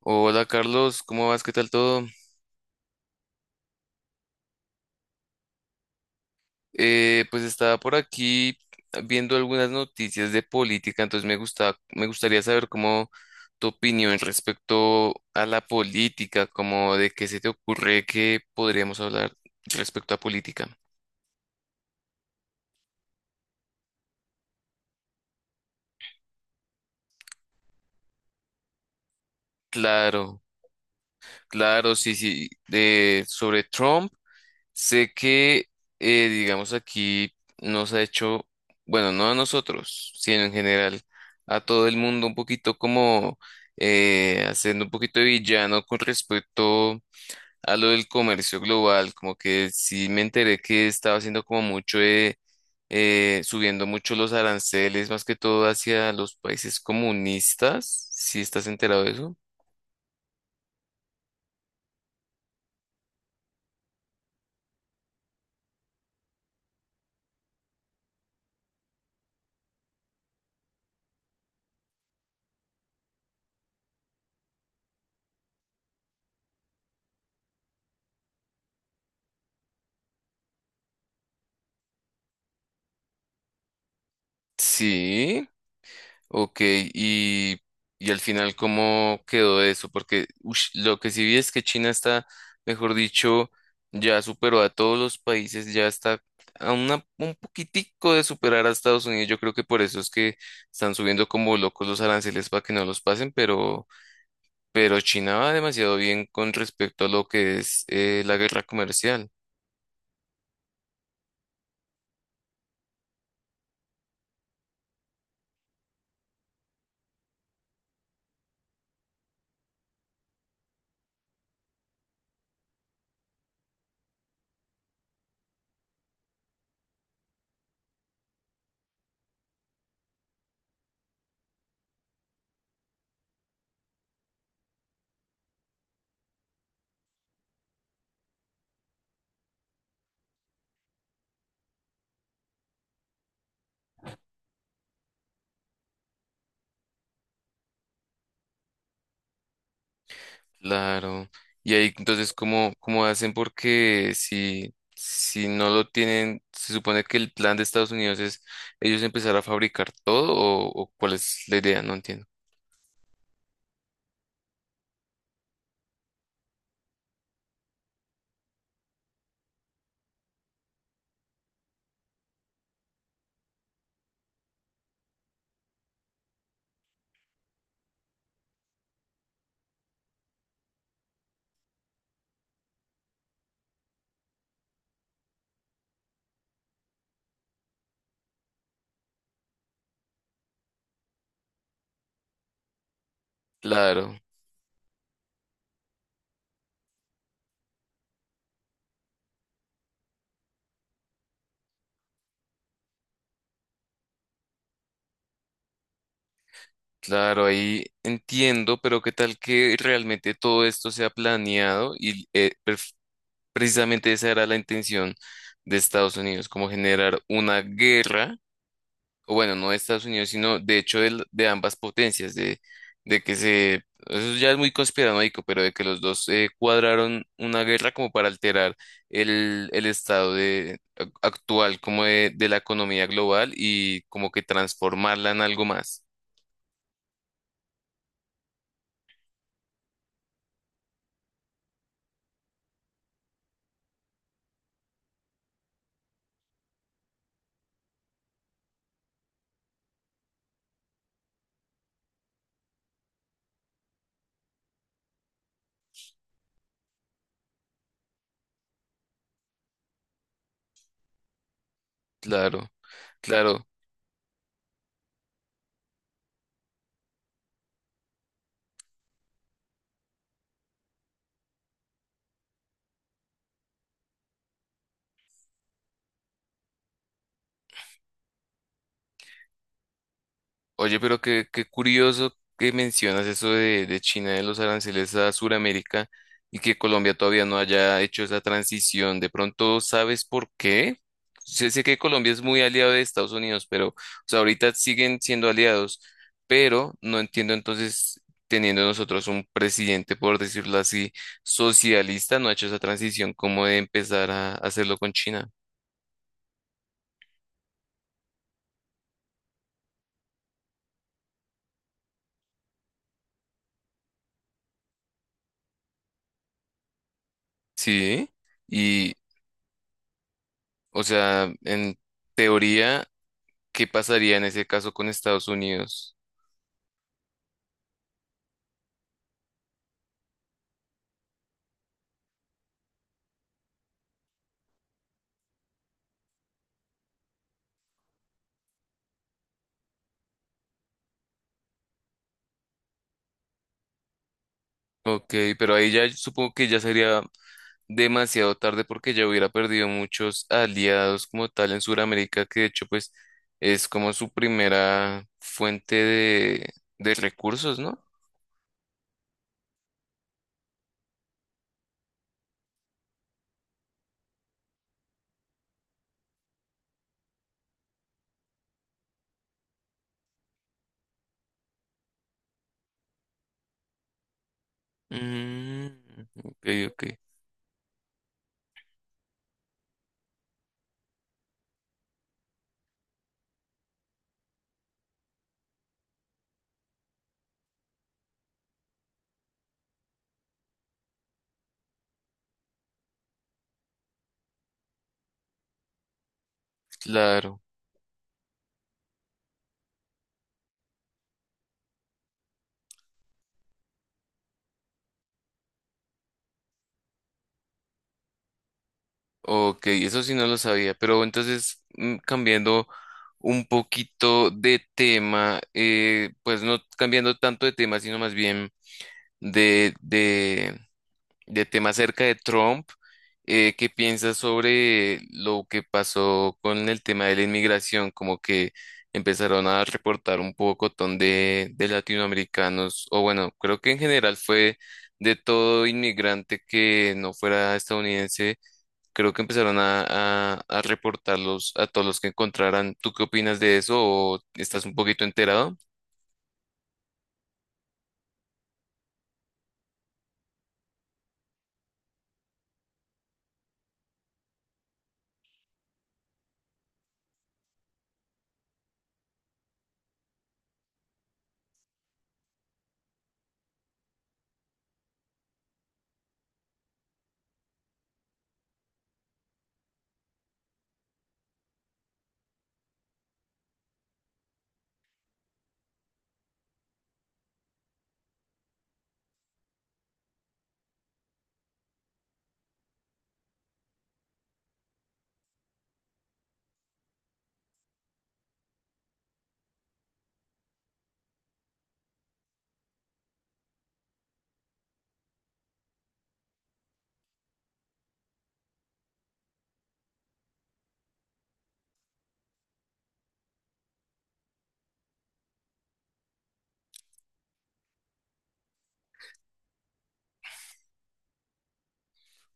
Hola Carlos, ¿cómo vas? ¿Qué tal todo? Pues estaba por aquí viendo algunas noticias de política, entonces me gustaría saber cómo tu opinión respecto a la política, como de qué se te ocurre que podríamos hablar respecto a política. Claro, claro, sí, sí, de sobre Trump. Sé que, digamos, aquí nos ha hecho, bueno, no a nosotros, sino en general a todo el mundo un poquito como haciendo un poquito de villano con respecto a lo del comercio global, como que sí me enteré que estaba haciendo como mucho, de, subiendo mucho los aranceles, más que todo hacia los países comunistas, ¿si estás enterado de eso? Sí. Ok, y al final, ¿cómo quedó eso? Porque ush, lo que sí vi es que China está, mejor dicho, ya superó a todos los países, ya está a un poquitico de superar a Estados Unidos. Yo creo que por eso es que están subiendo como locos los aranceles para que no los pasen, pero China va demasiado bien con respecto a lo que es la guerra comercial. Claro. Y ahí entonces, ¿cómo, cómo hacen? Porque si, si no lo tienen, se supone que el plan de Estados Unidos es ellos empezar a fabricar todo o cuál es la idea, no entiendo. Claro, claro, ahí entiendo, pero ¿qué tal que realmente todo esto sea planeado? Y precisamente esa era la intención de Estados Unidos, como generar una guerra o bueno, no de Estados Unidos, sino de hecho de, ambas potencias, de que se, eso ya es muy conspiranoico, pero de que los dos cuadraron una guerra como para alterar el estado de, actual como de la economía global y como que transformarla en algo más. Claro, claro. Oye, pero qué, qué curioso que mencionas eso de China, de los aranceles a Sudamérica y que Colombia todavía no haya hecho esa transición. De pronto, ¿sabes por qué? Sé, sé que Colombia es muy aliado de Estados Unidos, pero o sea, ahorita siguen siendo aliados, pero no entiendo entonces, teniendo nosotros un presidente, por decirlo así, socialista, no ha hecho esa transición como de empezar a hacerlo con China. Sí, y o sea, en teoría ¿qué pasaría en ese caso con Estados Unidos? Ok, pero ahí ya supongo que ya sería demasiado tarde porque ya hubiera perdido muchos aliados como tal en Sudamérica, que de hecho pues es como su primera fuente de recursos, ¿no? Mm, ok, ok, claro. Ok, eso sí no lo sabía, pero entonces cambiando un poquito de tema, pues no cambiando tanto de tema, sino más bien de, de, de tema acerca de Trump. ¿Qué piensas sobre lo que pasó con el tema de la inmigración? Como que empezaron a reportar un pocotón de latinoamericanos, o bueno, creo que en general fue de todo inmigrante que no fuera estadounidense, creo que empezaron a reportarlos a todos los que encontraran. ¿Tú qué opinas de eso o estás un poquito enterado?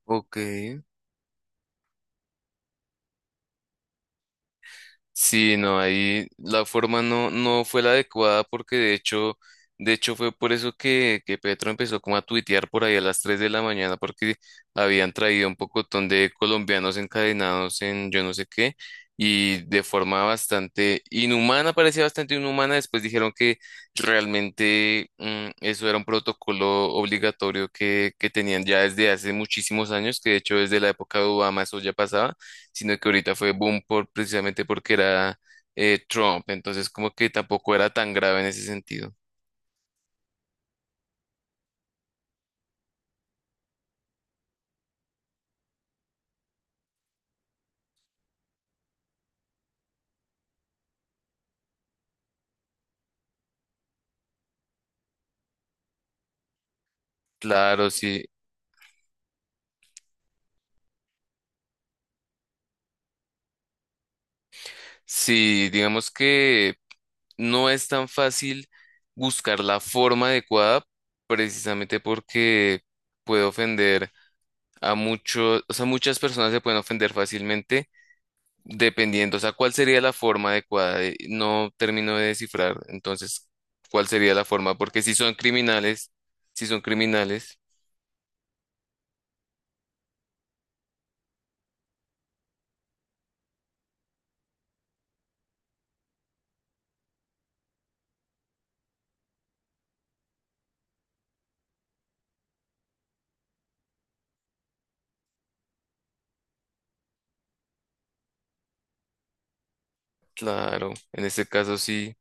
Ok. Sí, no, ahí la forma no, no fue la adecuada porque de hecho fue por eso que Petro empezó como a tuitear por ahí a las 3 de la mañana porque habían traído un pocotón de colombianos encadenados en yo no sé qué y de forma bastante inhumana, parecía bastante inhumana, después dijeron que realmente eso era un protocolo obligatorio que tenían ya desde hace muchísimos años, que de hecho desde la época de Obama eso ya pasaba, sino que ahorita fue boom por, precisamente porque era Trump, entonces como que tampoco era tan grave en ese sentido. Claro, sí, sí, digamos que no es tan fácil buscar la forma adecuada precisamente porque puede ofender a muchos, o sea, muchas personas se pueden ofender fácilmente dependiendo, o sea, cuál sería la forma adecuada. No termino de descifrar, entonces, cuál sería la forma, porque si son criminales, si son criminales, claro, en este caso sí,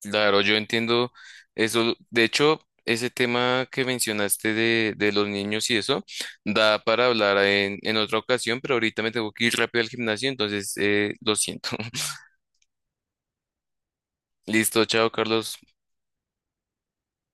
claro, yo entiendo eso. De hecho, ese tema que mencionaste de los niños y eso, da para hablar en otra ocasión, pero ahorita me tengo que ir rápido al gimnasio, entonces lo siento. Listo, chao, Carlos.